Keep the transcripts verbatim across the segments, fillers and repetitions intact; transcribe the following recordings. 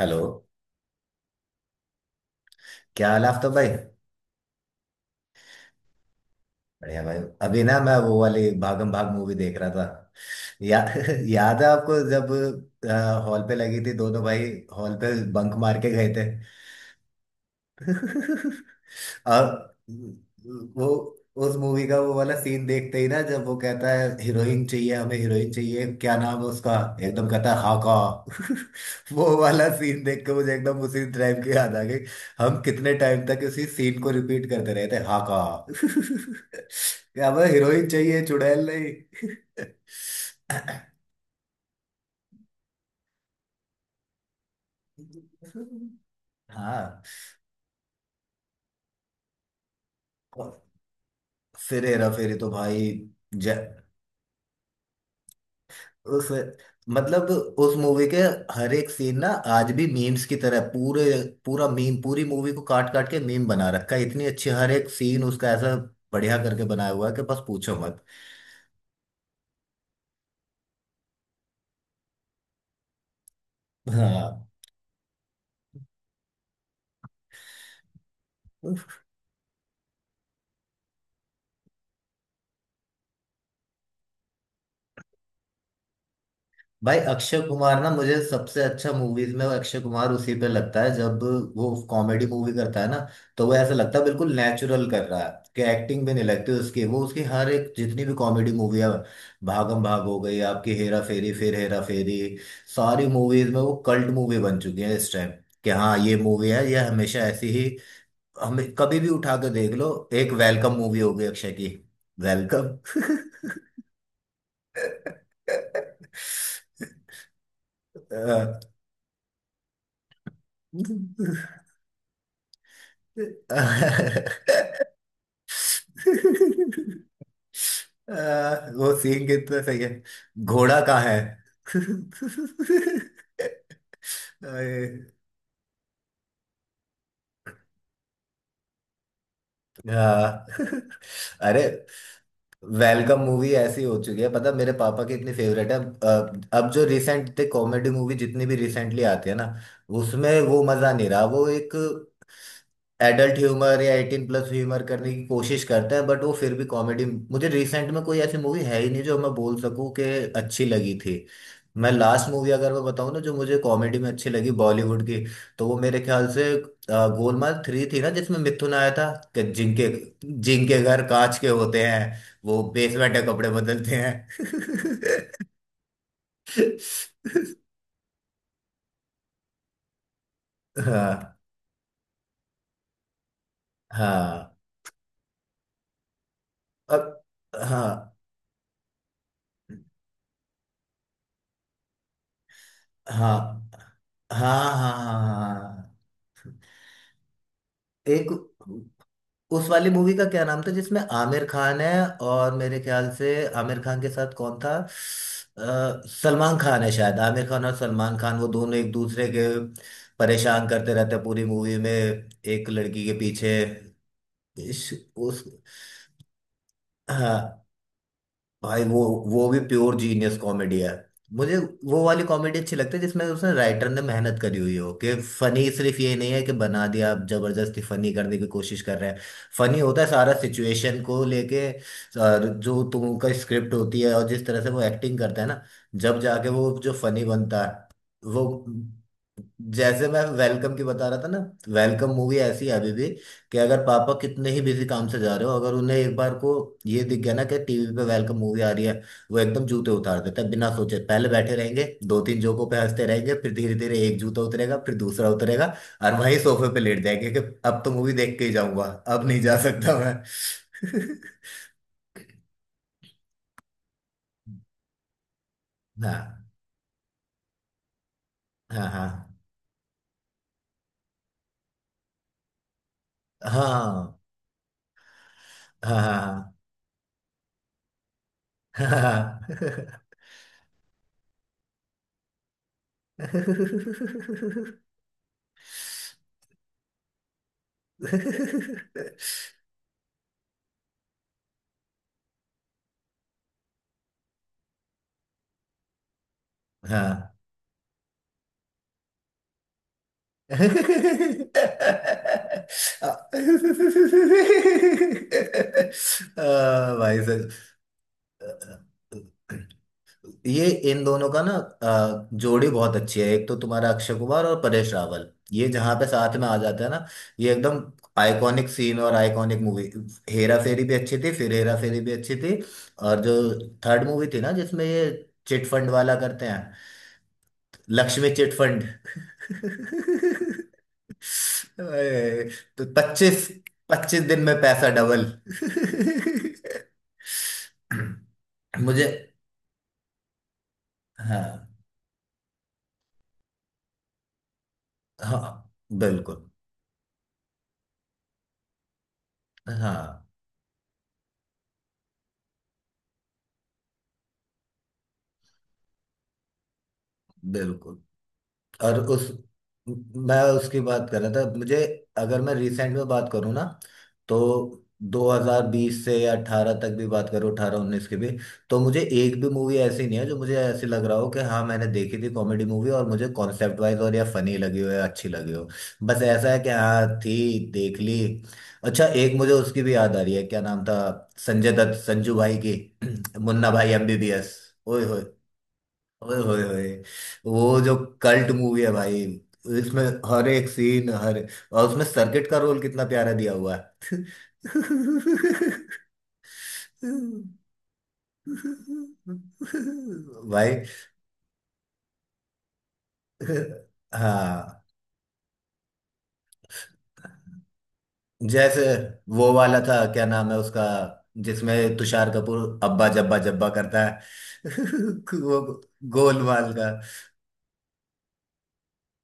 Hello. क्या हाल है आफ्ताब भाई। बढ़िया भाई। अभी ना मैं वो वाली भागम भाग मूवी देख रहा था। या, याद है आपको जब हॉल पे लगी थी दोनों भाई हॉल पे बंक मार के गए थे। और वो उस मूवी का वो वाला सीन देखते ही ना, जब वो कहता है हीरोइन चाहिए, हमें हीरोइन चाहिए, क्या नाम है उसका, एकदम कहता है हाका। वो वाला सीन देख के मुझे एकदम उसी टाइम की याद आ गई। हम कितने टाइम तक उसी सीन को रिपीट करते रहे थे, हाका। क्या हमें हीरोइन चाहिए चुड़ैल नहीं। हाँ, फिर हेरा फेरी तो भाई। जय उस मतलब उस मूवी के हर एक सीन ना आज भी मीम्स की तरह पूरे पूरा मीम, पूरी मूवी को काट काट के मीम बना रखा है। इतनी अच्छी हर एक सीन उसका ऐसा बढ़िया करके बनाया हुआ है कि बस पूछो मत। हाँ, भाई अक्षय कुमार ना मुझे सबसे अच्छा मूवीज में वो अक्षय कुमार उसी पे लगता है जब वो कॉमेडी मूवी करता है ना। तो वो ऐसा लगता है बिल्कुल नेचुरल कर रहा है कि एक्टिंग भी नहीं लगती उसकी। वो उसकी हर एक जितनी भी कॉमेडी मूवी है, भागम भाग हो गई आपकी, हेरा फेरी, फिर हेरा फेरी, सारी मूवीज में वो कल्ट मूवी बन चुकी है इस टाइम, कि हाँ ये मूवी है, ये हमेशा ऐसी ही, हमें कभी भी उठा के देख लो। एक वेलकम मूवी हो गई अक्षय की। वेलकम। आ, वो सीन कितना सही है। घोड़ा कहाँ है। अरे, हाँ। अरे वेलकम मूवी ऐसी हो चुकी है, पता मेरे पापा की इतनी फेवरेट है। अब अब जो रिसेंट कॉमेडी मूवी जितनी भी रिसेंटली आती है ना, उसमें वो मजा नहीं रहा। वो एक एडल्ट ह्यूमर या एटीन प्लस ह्यूमर करने की कोशिश करता है, बट वो फिर भी कॉमेडी मुझे रिसेंट में कोई ऐसी मूवी है ही नहीं जो मैं बोल सकूं कि अच्छी लगी थी। मैं लास्ट मूवी अगर मैं बताऊं ना जो मुझे कॉमेडी में अच्छी लगी बॉलीवुड की, तो वो मेरे ख्याल से अ, गोलमाल थ्री थी ना, जिसमें मिथुन आया था कि जिनके जिनके घर कांच के होते हैं वो बेसमेंट के कपड़े बदलते हैं। हाँ हाँ। अब हाँ हाँ हाँ हाँ हाँ हाँ। हाँ, हाँ। एक उस वाली मूवी का क्या नाम था जिसमें आमिर खान है, और मेरे ख्याल से आमिर खान के साथ कौन था, अ, सलमान खान है शायद। आमिर खान और सलमान खान वो दोनों एक दूसरे के परेशान करते रहते हैं पूरी मूवी में एक लड़की के पीछे। इस, उस हाँ भाई वो वो भी प्योर जीनियस कॉमेडी है। मुझे वो वाली कॉमेडी अच्छी लगती है जिसमें उसने राइटर ने मेहनत करी हुई हो, कि फनी सिर्फ ये नहीं है कि बना दिया आप जबरदस्ती फनी करने की कोशिश कर रहे हैं। फनी होता है सारा सिचुएशन को लेके और जो तुमका स्क्रिप्ट होती है, और जिस तरह से वो एक्टिंग करता है ना, जब जाके वो जो फनी बनता है वो। जैसे मैं वेलकम की बता रहा था ना, वेलकम मूवी ऐसी है अभी भी कि अगर पापा कितने ही बिजी काम से जा रहे हो, अगर उन्हें एक बार को ये दिख गया ना कि टीवी पे वेलकम मूवी आ रही है, वो एकदम जूते उतार देते हैं बिना सोचे, पहले बैठे रहेंगे, दो तीन जोकों पे हंसते रहेंगे, फिर धीरे धीरे एक जूता उतरेगा फिर दूसरा उतरेगा, और वहीं सोफे पे लेट जाएंगे कि अब तो मूवी देख के ही जाऊंगा, अब नहीं जा सकता मैं। हाँ हाँ हाँ हाँ हाँ हाँ हाँ हाँ। हाँ। आ, भाई साहब, ये इन दोनों का ना अ, जोड़ी बहुत अच्छी है। एक तो तुम्हारा अक्षय कुमार और परेश रावल, ये जहाँ पे साथ में आ जाते हैं ना, ये एकदम आइकॉनिक सीन और आइकॉनिक मूवी। हेरा फेरी भी अच्छी थी, फिर हेरा फेरी भी अच्छी थी, और जो थर्ड मूवी थी ना जिसमें ये चिटफंड वाला करते हैं, लक्ष्मी चिटफंड। अरे, तो पच्चीस पच्चीस दिन में पैसा डबल। मुझे हाँ हाँ बिल्कुल। हाँ बिल्कुल। और उस मैं उसकी बात कर रहा था। मुझे अगर मैं रिसेंट में बात करूँ ना, तो दो हज़ार बीस से या अठारह तक भी बात करूँ, अठारह उन्नीस की भी, तो मुझे एक भी मूवी ऐसी नहीं है जो मुझे ऐसी लग रहा हो कि हाँ मैंने देखी थी कॉमेडी मूवी और मुझे कॉन्सेप्ट वाइज और या फनी लगी हो या अच्छी लगी हो। बस ऐसा है कि हाँ थी देख ली। अच्छा, एक मुझे उसकी भी याद आ रही है क्या नाम था, संजय दत्त, संजू भाई की मुन्ना भाई एमबीबीएस। ओए होए, ओए होए होए। वो जो कल्ट मूवी है भाई, इसमें हर एक सीन, हर और उसमें सर्किट का रोल कितना प्यारा दिया हुआ है। भाई, हाँ जैसे, वो वाला था क्या नाम है उसका जिसमें तुषार कपूर अब्बा जब्बा जब्बा करता है। वो गोलमाल का।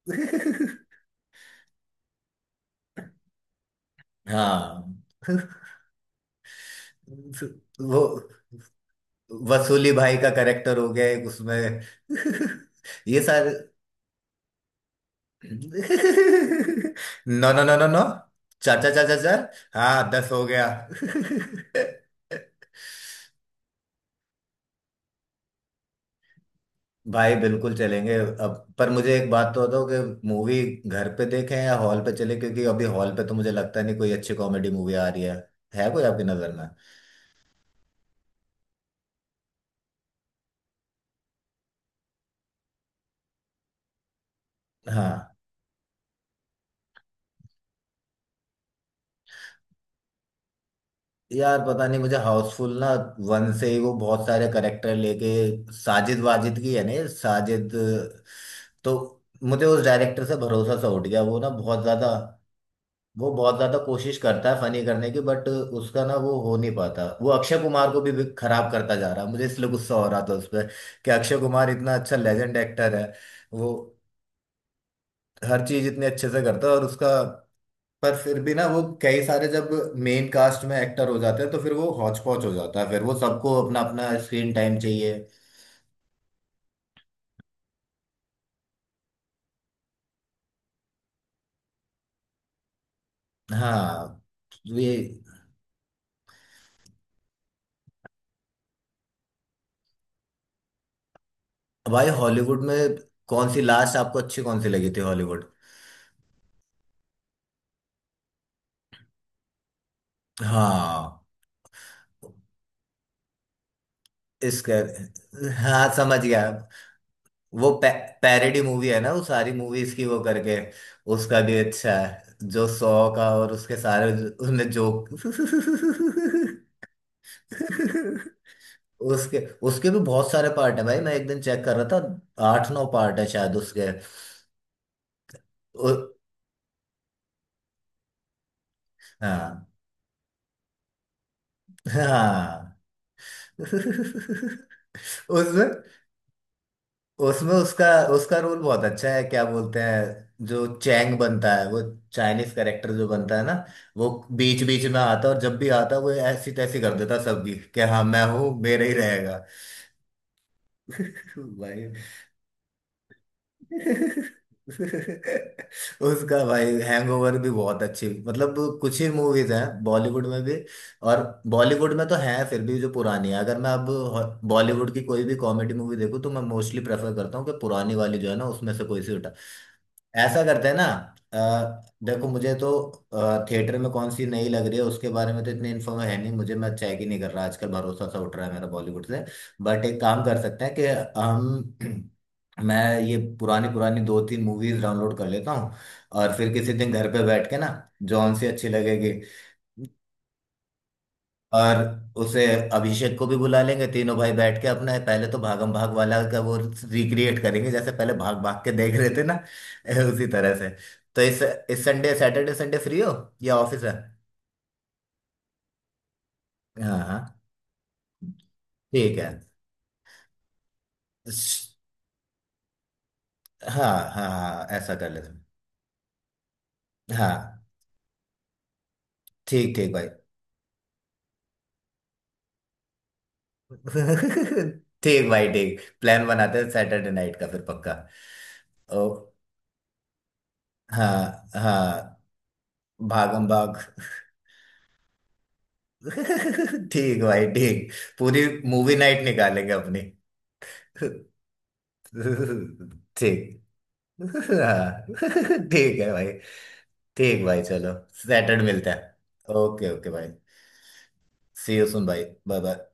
हाँ, वो वसूली भाई का करेक्टर हो गया एक उसमें। ये सारे। No no no no no. चार चार चार चार चार। हाँ दस हो गया। भाई बिल्कुल चलेंगे। अब पर मुझे एक बात तो बताओ कि मूवी घर पे देखें या हॉल पे चले, क्योंकि अभी हॉल पे तो मुझे लगता नहीं कोई अच्छी कॉमेडी मूवी आ रही है। है कोई आपकी नजर में। हाँ, यार पता नहीं मुझे हाउसफुल ना वन से ही वो बहुत सारे करेक्टर लेके, साजिद वाजिद की है ना, ये, साजिद, तो मुझे उस डायरेक्टर से भरोसा सा उठ गया। वो ना बहुत ज्यादा, वो बहुत ज्यादा कोशिश करता है फनी करने की, बट उसका ना वो हो नहीं पाता। वो अक्षय कुमार को भी भी खराब करता जा रहा है। मुझे इसलिए गुस्सा हो रहा था उस पर, कि अक्षय कुमार इतना अच्छा लेजेंड एक्टर है, वो हर चीज इतने अच्छे से करता है, और उसका, पर फिर भी ना वो कई सारे जब मेन कास्ट में एक्टर हो जाते हैं तो फिर वो हौच पौच हो जाता है, फिर वो सबको अपना अपना स्क्रीन टाइम चाहिए। हाँ तो ये भाई हॉलीवुड में कौन सी लास्ट आपको अच्छी, कौन सी लगी थी हॉलीवुड। हाँ इसका, हाँ समझ गया। वो पै, पैरेडी मूवी है ना, वो सारी मूवीज की वो करके, उसका भी अच्छा है जो सौ का, और उसके सारे उसने जोक। उसके, उसके भी बहुत सारे पार्ट है भाई। मैं एक दिन चेक कर रहा था, आठ नौ पार्ट है शायद उसके। उ, हाँ हाँ। उसमें, उसमें उसका, उसका रोल बहुत अच्छा है, क्या बोलते हैं, जो चैंग बनता है वो, चाइनीज कैरेक्टर जो बनता है ना, वो बीच बीच में आता है और जब भी आता है वो ऐसी तैसी कर देता है सबकी कि हाँ मैं हूँ मेरे ही रहेगा। भाई, उसका भाई हैंगओवर भी बहुत अच्छी, मतलब कुछ ही मूवीज हैं बॉलीवुड में भी, और बॉलीवुड में तो है फिर भी जो पुरानी है। अगर मैं अब हॉ- बॉलीवुड की कोई भी कॉमेडी मूवी देखूँ तो मैं मोस्टली प्रेफर करता हूँ कि पुरानी वाली जो है ना उसमें से कोई सी उठा, ऐसा करते हैं ना। अ, देखो मुझे तो थिएटर में कौन सी नई लग रही है उसके बारे में तो इतनी इन्फॉर्म है नहीं मुझे, मैं चेक ही नहीं कर रहा आजकल, भरोसा सा उठ रहा है मेरा बॉलीवुड से। बट एक काम कर सकते हैं कि हम मैं ये पुरानी पुरानी दो तीन मूवीज डाउनलोड कर लेता हूँ, और फिर किसी दिन घर पे बैठ के ना जॉन सी अच्छी लगेगी, और उसे अभिषेक को भी बुला लेंगे, तीनों भाई बैठ के अपना पहले तो भागम भाग वाला का वो रिक्रिएट करेंगे, जैसे पहले भाग भाग के देख रहे थे ना। उसी तरह से। तो इस इस संडे, सैटरडे संडे फ्री हो या ऑफिस है। हाँ हाँ ठीक है। श- हाँ हाँ हाँ, ऐसा कर लेते हैं। हाँ ठीक ठीक भाई। ठीक भाई ठीक, प्लान बनाते हैं सैटरडे नाइट का फिर पक्का। ओ हाँ हाँ, भागम भाग। ठीक भाई ठीक, पूरी मूवी नाइट निकालेंगे अपनी। ठीक। हाँ ठीक है भाई। ठीक भाई चलो, सैटरडे मिलता है। ओके ओके भाई, सी यू सुन भाई, बाय बाय।